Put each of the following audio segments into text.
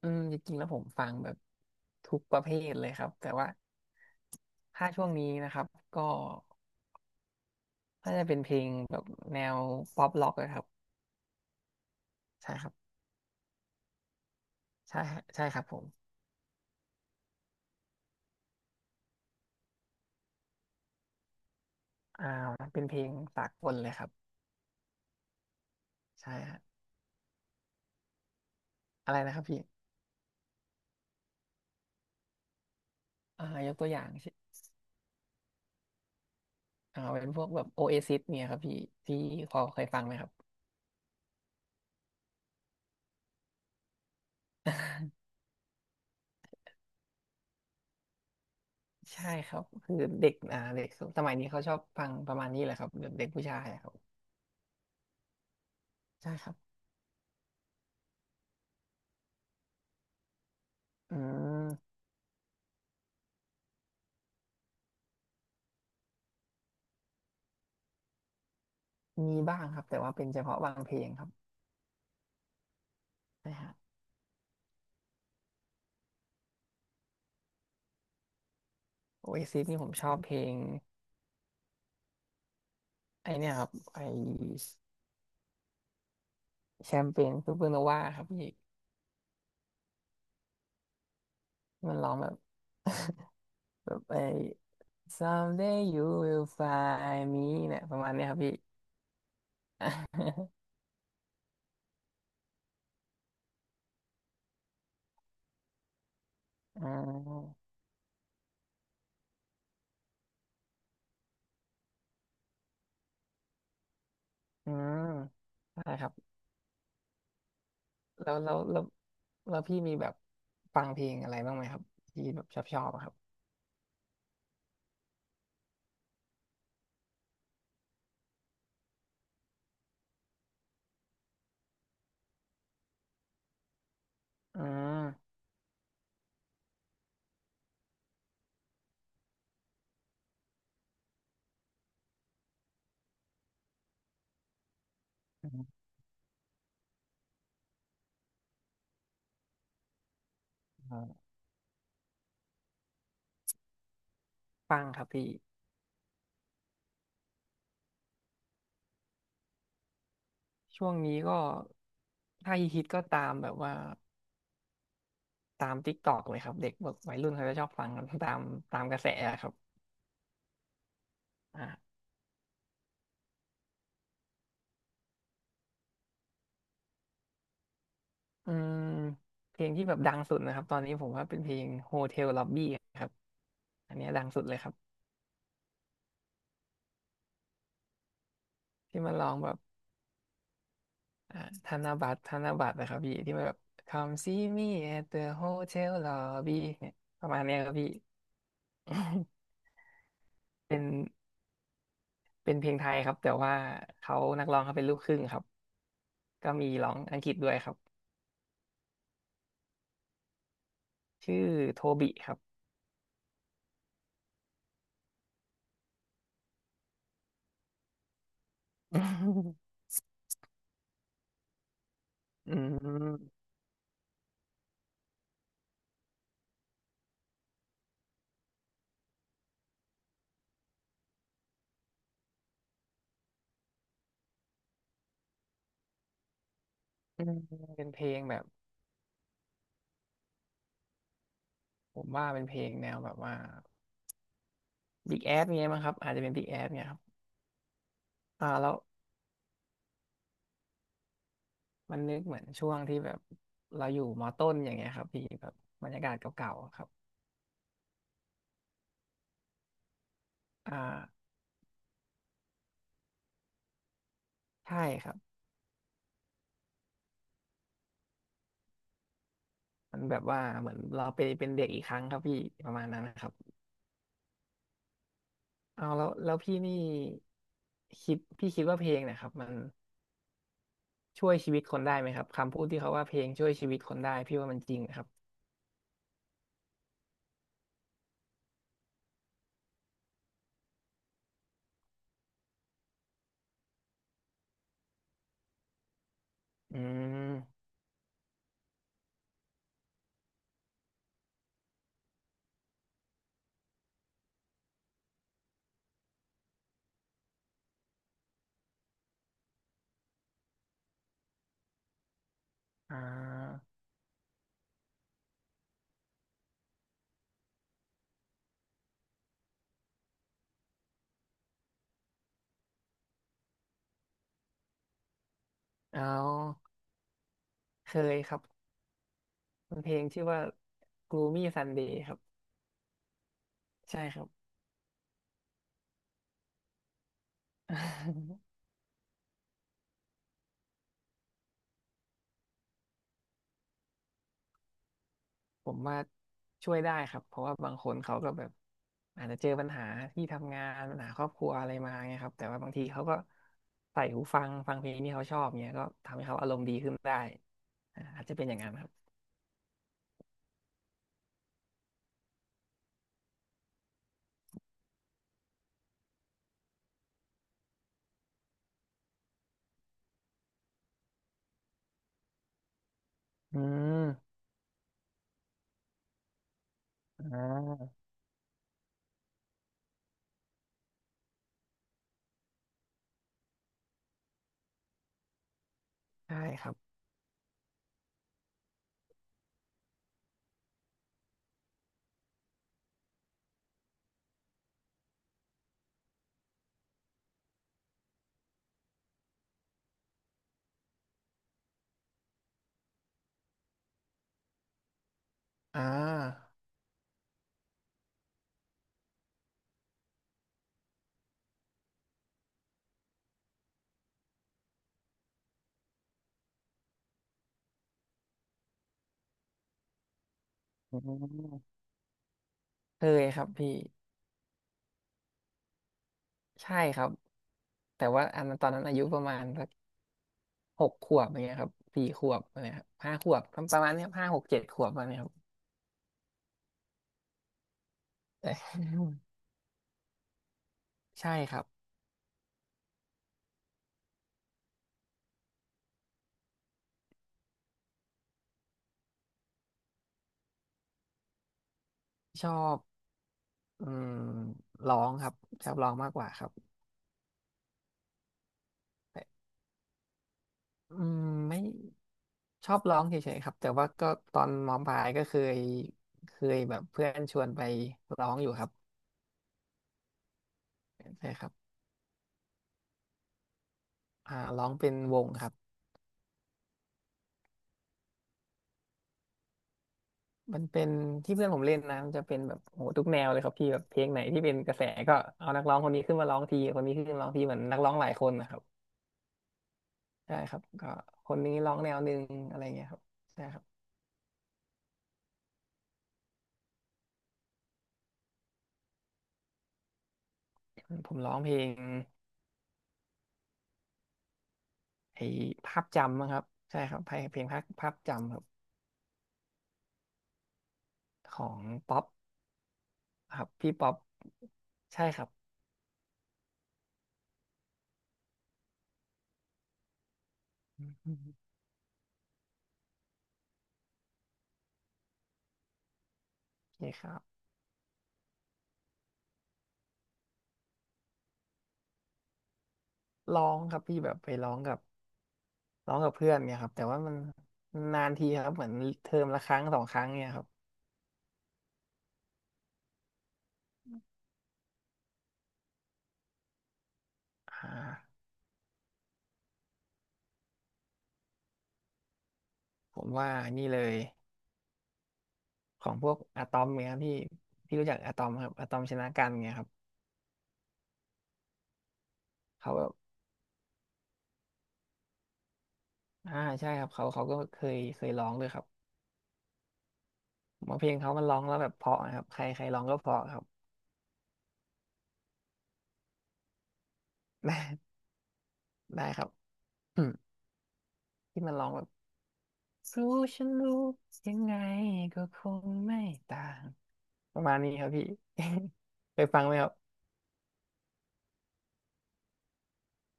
จริงๆแล้วผมฟังแบบทุกประเภทเลยครับแต่ว่าถ้าช่วงนี้นะครับก็น่าจะเป็นเพลงแบบแนวป๊อปร็อกนะครับใช่ครับใช่ฮะใช่ครับผมอ่าเป็นเพลงสากลเลยครับใช่ฮะอะไรนะครับพี่ยกตัวอย่างเช่นเป็นพวกแบบโอเอซิสเนี่ยครับพี่พอเคยฟังไหมครับ ใช่ครับคือเด็กสมัยนี้เขาชอบฟังประมาณนี้แหละครับแบบเด็กผู้ชายอะครับใช่ครับอืมมีบ้างครับแต่ว่าเป็นเฉพาะบางเพลงครับใช่ฮะ โอเอซิสนี่ผมชอบเพลงไอเนี่ยครับไอแชมเปญซูเปอร์โนวาครับพี่มันร้องแบบไอ someday you will find me เนี่ยประมาณเนี้ยครับพี่ อืมอืมใช่ครับแล้วแล้วแล้วแล้วพี่มีแบบฟังเพลงอะไรบ้างไหมครับที่แบบชอบครับอืมอืมอ่าฟังครับพี่ช่วงนี้ก็ถ้าฮิตๆก็ตามแบบว่า ตามติ๊กตอกเลยครับเด็กแบบวัยรุ่นเขาจะชอบฟังกันตามกระแสอะครับอ่าอืมเพลงที่แบบดังสุดนะครับตอนนี้ผมว่าเป็นเพลง Hotel Lobby ครับอันเนี้ยดังสุดเลยครับที่มันร้องแบบอ่าธนบัตรนะครับพี่ที่มันแบบ Come see me at the hotel lobby เนี่ยประมาณเนี้ยครับพี่ เป็นเป็นเพลงไทยครับแต่ว่าเขานักร้องเขาเป็นลูกครึ่งครับก็มีร้องอังกฤษด้วยครับชื่อโทบิครับ อืม เป็นเพลงแบบผมว่าเป็นเพลงแนวแบบว่า Big Ass เงี้ยมั้งครับอาจจะเป็น Big Ass เงี้ยครับแล้วมันนึกเหมือนช่วงที่แบบเราอยู่มอต้นอย่างเงี้ยครับพี่แบบบรรยากาศเก่าๆอะครับอ่าใช่ครับมันแบบว่าเหมือนเราไปเป็นเด็กอีกครั้งครับพี่ประมาณนั้นนะครับเอาแล้วแล้วพี่นี่พี่คิดว่าเพลงเนะครับมันช่วยชีวิตคนได้ไหมครับคำพูดที่เขาว่าเพลงช่วยชีวิตคนได้พี่ว่ามันจริงนะครับอืมอ่าเอาเคยครับ มันเพลงชื่อว่า Gloomy Sunday ครับใช่ครับ ผมว่าช่วยได้ครับเพราะว่าบางคนเขาก็แบบอาจจะเจอปัญหาที่ทำงานปัญหาครอบครัวอะไรมาไงครับแต่ว่าบางทีเขาก็ใส่หูฟังฟังเพลงที่เขาชอบเนี่ยก็ทำให้เขาอารมณ์ดีขึ้นได้อาจจะเป็นอย่างนั้นครับอืมอ่าใช่ครับอ่าอืมเคยครับพี่ใช่ครับแต่ว่าอันนั้นตอนนั้นอายุประมาณสัก 6 ขวบอะไรเงี้ยครับ4 ขวบอะไรครับ5 ขวบประมาณเนี้ย5 6 7 ขวบอะไรเงี้ยครับแต่ ใช่ครับชอบอืมร้องครับชอบร้องมากกว่าครับแต่อืมไม่ชอบร้องเฉยๆครับแต่ว่าก็ตอนมปลายก็เคยแบบเพื่อนชวนไปร้องอยู่ครับใช่ครับร้องเป็นวงครับมันเป็นที่เพื่อนผมเล่นนะมันจะเป็นแบบโหทุกแนวเลยครับพี่แบบเพลงไหนที่เป็นกระแสก็เอานักร้องคนนี้ขึ้นมาร้องทีคนนี้ขึ้นมาร้องทีเหมือนนักร้องหลายคนนะครับ ใช่ครับก็คนนี้ร้องแนวหนึ่งอะไรเงี้ยครับใช่ครับผมร้องเพลงไอ้ภาพจำมั้งครับใช่ครับเพลงภาพจำครับของป๊อปครับพี่ป๊อปใช่ครับอืมโอเคครับร้องครับพี่แบบไปร้องกับเพื่อนเนี่ยครับแต่ว่ามันนานทีครับเหมือนเทอมละครั้ง2 ครั้งเนี่ยครับอ่าผมว่านี่เลยของพวกอะตอมเนี่ยครับพี่รู้จักอะตอมครับอะตอมชนะกันเนี่ยครับเขาแบบ อ่าใช่ครับเขาก็เคยร้องด้วยครับผมว่าเพลงเขามันร้องแล้วแบบเพราะนะครับใครใครร้องก็เพราะครับ ได้ได้ครับอืมที่มันร้องแบบรู้ฉันรู้ยังไงก็คงไม่ต่างประมาณนี้ครับพี่ เคยฟังไหมครับ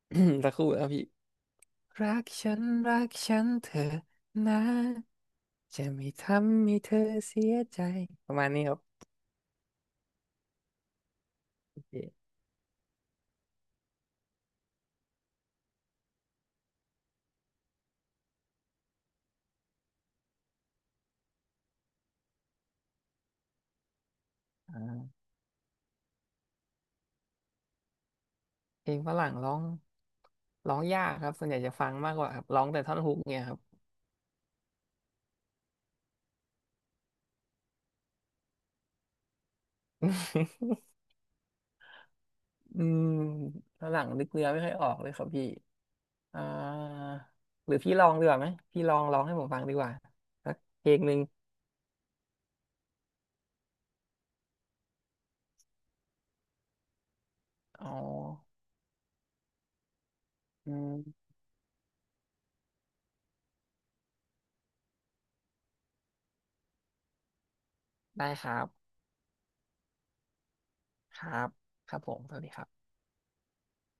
สักครู่นะครับพี่รักฉันรักฉันเธอะนะจะไม่ทำให้เธอเสียใจประมาณนี้ครับโอเคอ่าเพลงฝรั่งร้องยากครับส่วนใหญ่จะฟังมากกว่าครับร้องแต่ท่อนฮุกเนี่ยครับ อืมฝรั่งนึกเนื้อไม่ค่อยออกเลยครับพี่อ่าหรือพี่ลองดีกว่าไหม พี่ลองร้องให้ผมฟังดีกว่าสักเพลงหนึ่งอ๋ออืมได้ครับ ครับ ครับผมสวัสดีครับ